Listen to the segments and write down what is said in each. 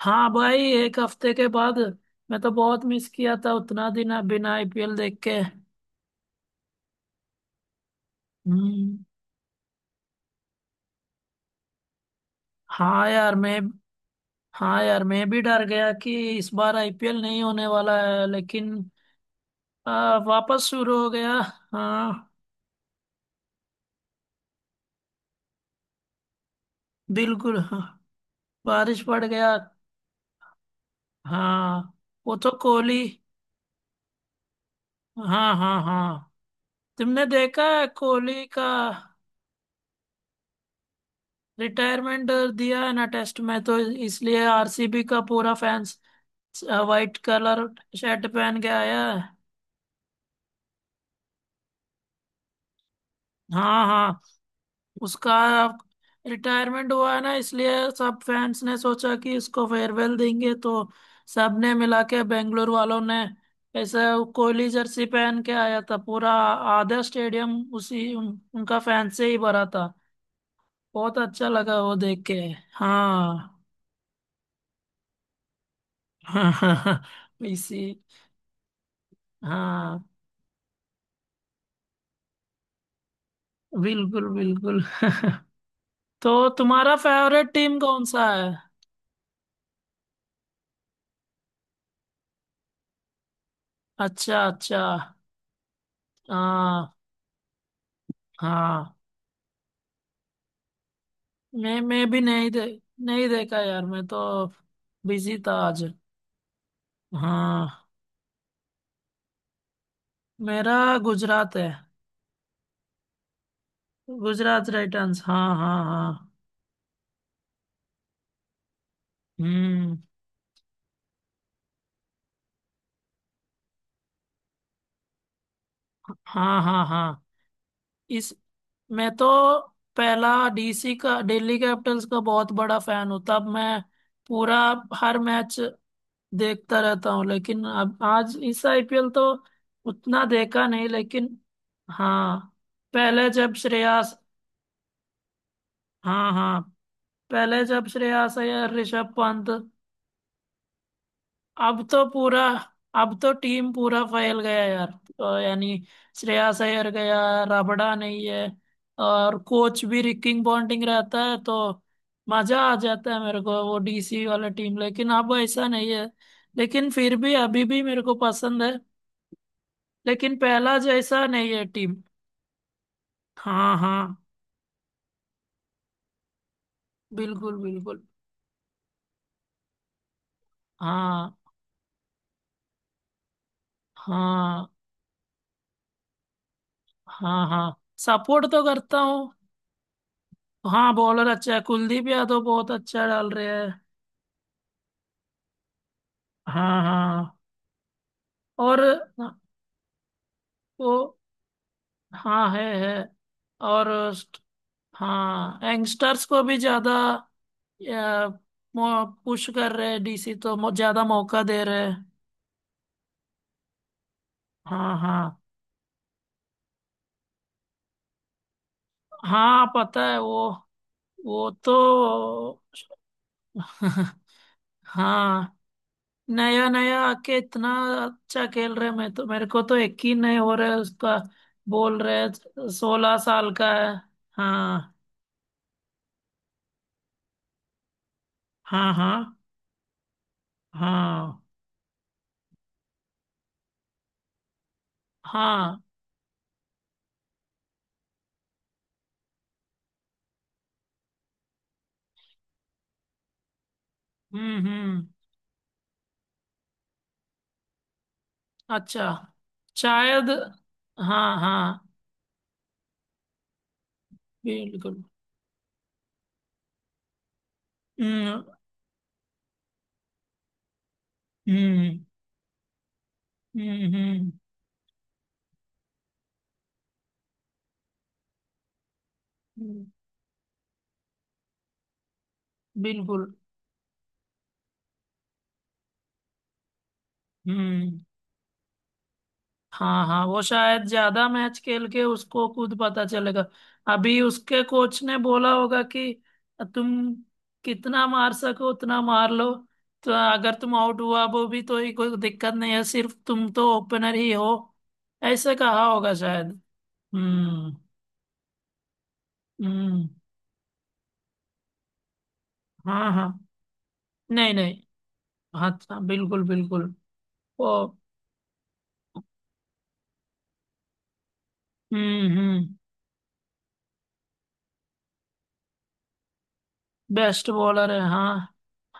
हाँ भाई। एक हफ्ते के बाद। मैं तो बहुत मिस किया था उतना दिन, अब बिना आईपीएल देख के। हम्म। हाँ यार मैं हाँ यार मैं भी डर गया कि इस बार आईपीएल नहीं होने वाला है, लेकिन वापस शुरू हो गया। हाँ। बिल्कुल हाँ। बारिश पड़ गया। हाँ। वो तो कोहली। हाँ हाँ हाँ। तुमने देखा है कोहली का? रिटायरमेंट दिया है ना टेस्ट में, तो इसलिए आरसीबी का पूरा फैंस वाइट कलर शर्ट पहन के आया है। हाँ हाँ। उसका रिटायरमेंट हुआ है ना, इसलिए सब फैंस ने सोचा कि इसको फेयरवेल देंगे, तो सब ने मिला के, बेंगलोर वालों ने, ऐसे कोहली जर्सी पहन के आया था पूरा। आधा स्टेडियम उनका फैन से ही भरा था। बहुत अच्छा लगा वो देख के। हाँ। इसी। हाँ बिल्कुल बिल्कुल। तो तुम्हारा फेवरेट टीम कौन सा है? अच्छा अच्छा। हाँ हाँ। मैं भी नहीं देखा यार। मैं तो बिजी था आज। हाँ। मेरा गुजरात है। गुजरात राइटन्स। हाँ हाँ हाँ। हम्म। हाँ हाँ हाँ। इस मैं तो पहला डीसी का, दिल्ली कैपिटल्स का बहुत बड़ा फैन हूँ। तब मैं पूरा हर मैच देखता रहता हूँ, लेकिन अब आज इस आईपीएल तो उतना देखा नहीं, लेकिन। हाँ। पहले जब श्रेयस हाँ हाँ। पहले जब श्रेयस अय्यर, ऋषभ पंत। अब तो पूरा अब तो टीम पूरा फैल गया यार। तो यानी श्रेयस अय्यर गया, रबड़ा नहीं है, और कोच भी रिकिंग पॉन्टिंग रहता है, तो मजा आ जाता है मेरे को वो डीसी वाला टीम। लेकिन अब ऐसा नहीं है। लेकिन फिर भी अभी भी मेरे को पसंद है, लेकिन पहला जैसा नहीं है टीम। हाँ हाँ। बिल्कुल बिल्कुल। हाँ हाँ हाँ। हाँ सपोर्ट तो करता हूँ। हाँ बॉलर अच्छा है। कुलदीप यादव बहुत अच्छा डाल रहे हैं। हाँ हाँ। और वो। हाँ है है। और। हाँ यंगस्टर्स को भी ज्यादा पुश कर रहे हैं डीसी तो, ज्यादा मौका दे रहे हैं। हाँ हाँ हाँ पता है वो। वो तो हाँ। नया नया आके इतना अच्छा खेल रहे हैं, मैं तो, मेरे को तो यकीन नहीं हो रहा है उसका। बोल रहे 16 साल का है। हाँ हाँ हाँ हाँ हाँ। हम्म। अच्छा। शायद। हाँ हाँ। बिल्कुल। हम्म हम्म। हम्म हम्म, हम्म, बिल्कुल। हम्म। हाँ हाँ वो शायद ज्यादा मैच खेल के उसको खुद पता चलेगा। अभी उसके कोच ने बोला होगा कि तुम कितना मार सको उतना मार लो, तो अगर तुम आउट हुआ वो भी तो ही, कोई दिक्कत नहीं है, सिर्फ तुम तो ओपनर ही हो। ऐसे कहा होगा शायद। हम्म हम्म। हाँ हाँ। नहीं नहीं। हाँ हाँ, बिल्कुल बिल्कुल। वो। हम्म। बेस्ट बॉलर है हाँ।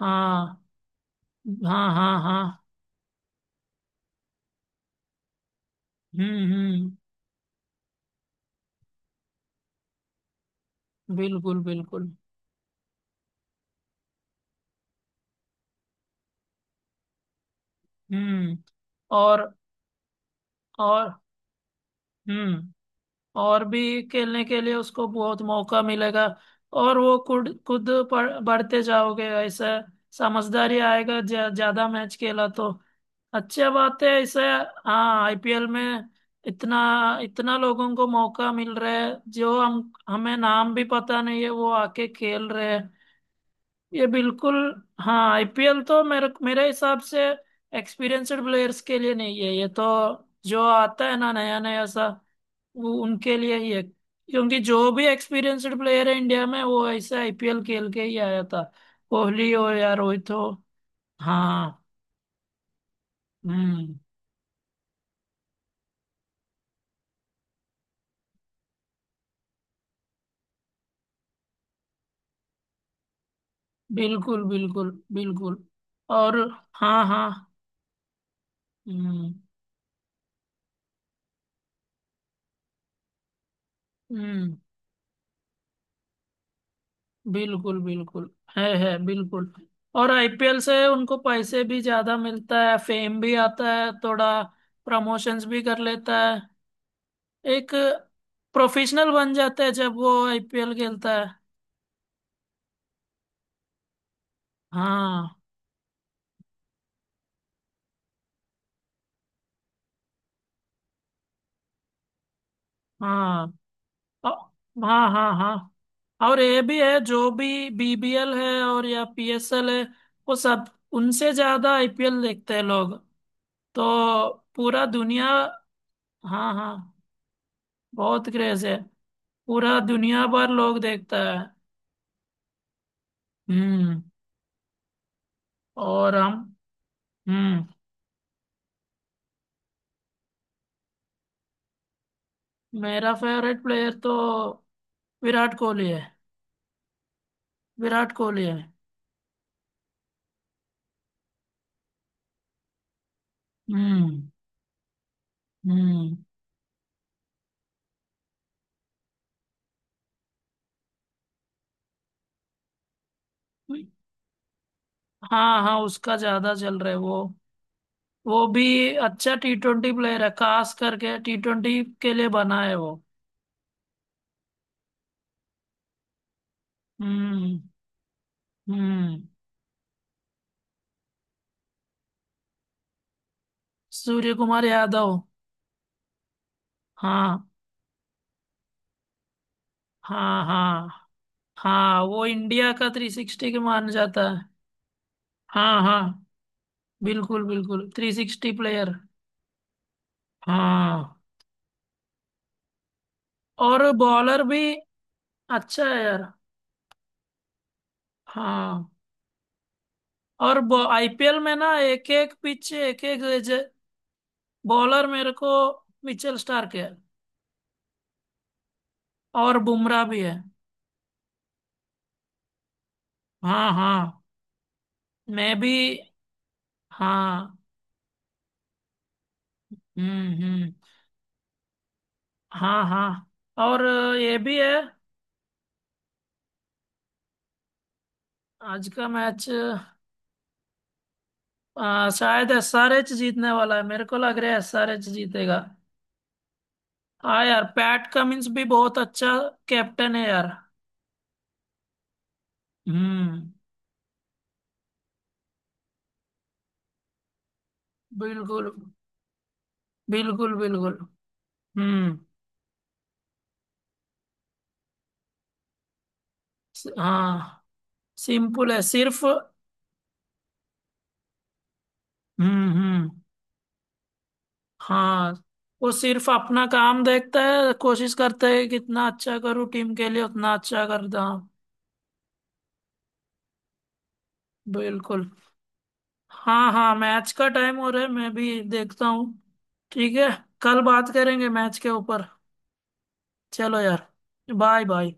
हाँ हाँ हाँ हाँ। हम्म। बिल्कुल बिल्कुल। हम्म। और। और। हम्म। और भी खेलने के लिए उसको बहुत मौका मिलेगा, और वो खुद खुद बढ़ते जाओगे ऐसा। समझदारी आएगा ज्यादा मैच खेला तो। अच्छा बात है ऐसे। हाँ आईपीएल में इतना इतना लोगों को मौका मिल रहा है, जो हम हमें नाम भी पता नहीं है वो आके खेल रहे हैं ये। बिल्कुल। हाँ आईपीएल तो मेरे मेरे हिसाब से एक्सपीरियंस्ड प्लेयर्स के लिए नहीं है ये तो। जो आता है ना नया नया सा, वो उनके लिए ही है, क्योंकि जो भी एक्सपीरियंस्ड प्लेयर है इंडिया में वो ऐसे आईपीएल खेल के ही आया था, कोहली हो या रोहित हो। हाँ। हम्म। बिल्कुल बिल्कुल बिल्कुल। और। हाँ हाँ। हम्म हम्म। बिल्कुल बिल्कुल। है बिल्कुल। और आईपीएल से उनको पैसे भी ज्यादा मिलता है, फेम भी आता है थोड़ा, प्रमोशंस भी कर लेता है। एक प्रोफेशनल बन जाता है जब वो आईपीएल खेलता है। हाँ हाँ। अ- हाँ हाँ हाँ। और ये भी है जो भी बीबीएल है और या पीएसएल है वो सब, उनसे ज्यादा आईपीएल देखते हैं लोग, तो पूरा दुनिया। हाँ हाँ। बहुत क्रेज है। पूरा दुनिया भर लोग देखता है। हम्म। और हम हम्म। मेरा फेवरेट प्लेयर तो विराट कोहली है। विराट कोहली है। हम्म हम्म। हाँ हाँ उसका ज्यादा चल रहा है। वो भी अच्छा T20 प्लेयर है, खास करके T20 के लिए बना है वो। हम्म हम्म। सूर्य कुमार यादव। हाँ हाँ हाँ। हाँ वो इंडिया का 360 के माना जाता है। हाँ हाँ। बिल्कुल बिल्कुल 360 प्लेयर। हाँ। और बॉलर भी अच्छा है यार। हाँ और आईपीएल में ना एक एक पिच एक एक बॉलर मेरे को, मिचेल स्टार्क है और बुमराह भी है। हाँ हाँ। मैं भी। हाँ। हम्म। हाँ हाँ। और ये भी है। आज का मैच, शायद एसआरएच जीतने वाला है। मेरे को लग रहा है एसआरएच जीतेगा। हाँ यार पैट कमिंस भी बहुत अच्छा कैप्टन है यार। हम्म। बिल्कुल बिल्कुल बिल्कुल। हम्म। हाँ सिंपल है सिर्फ। हम्म। हाँ वो सिर्फ अपना काम देखता है, कोशिश करता है कि कितना अच्छा करूँ टीम के लिए, उतना अच्छा करता। बिल्कुल। हाँ हाँ मैच का टाइम हो रहा है, मैं भी देखता हूँ। ठीक है। कल बात करेंगे मैच के ऊपर। चलो यार। Bye bye.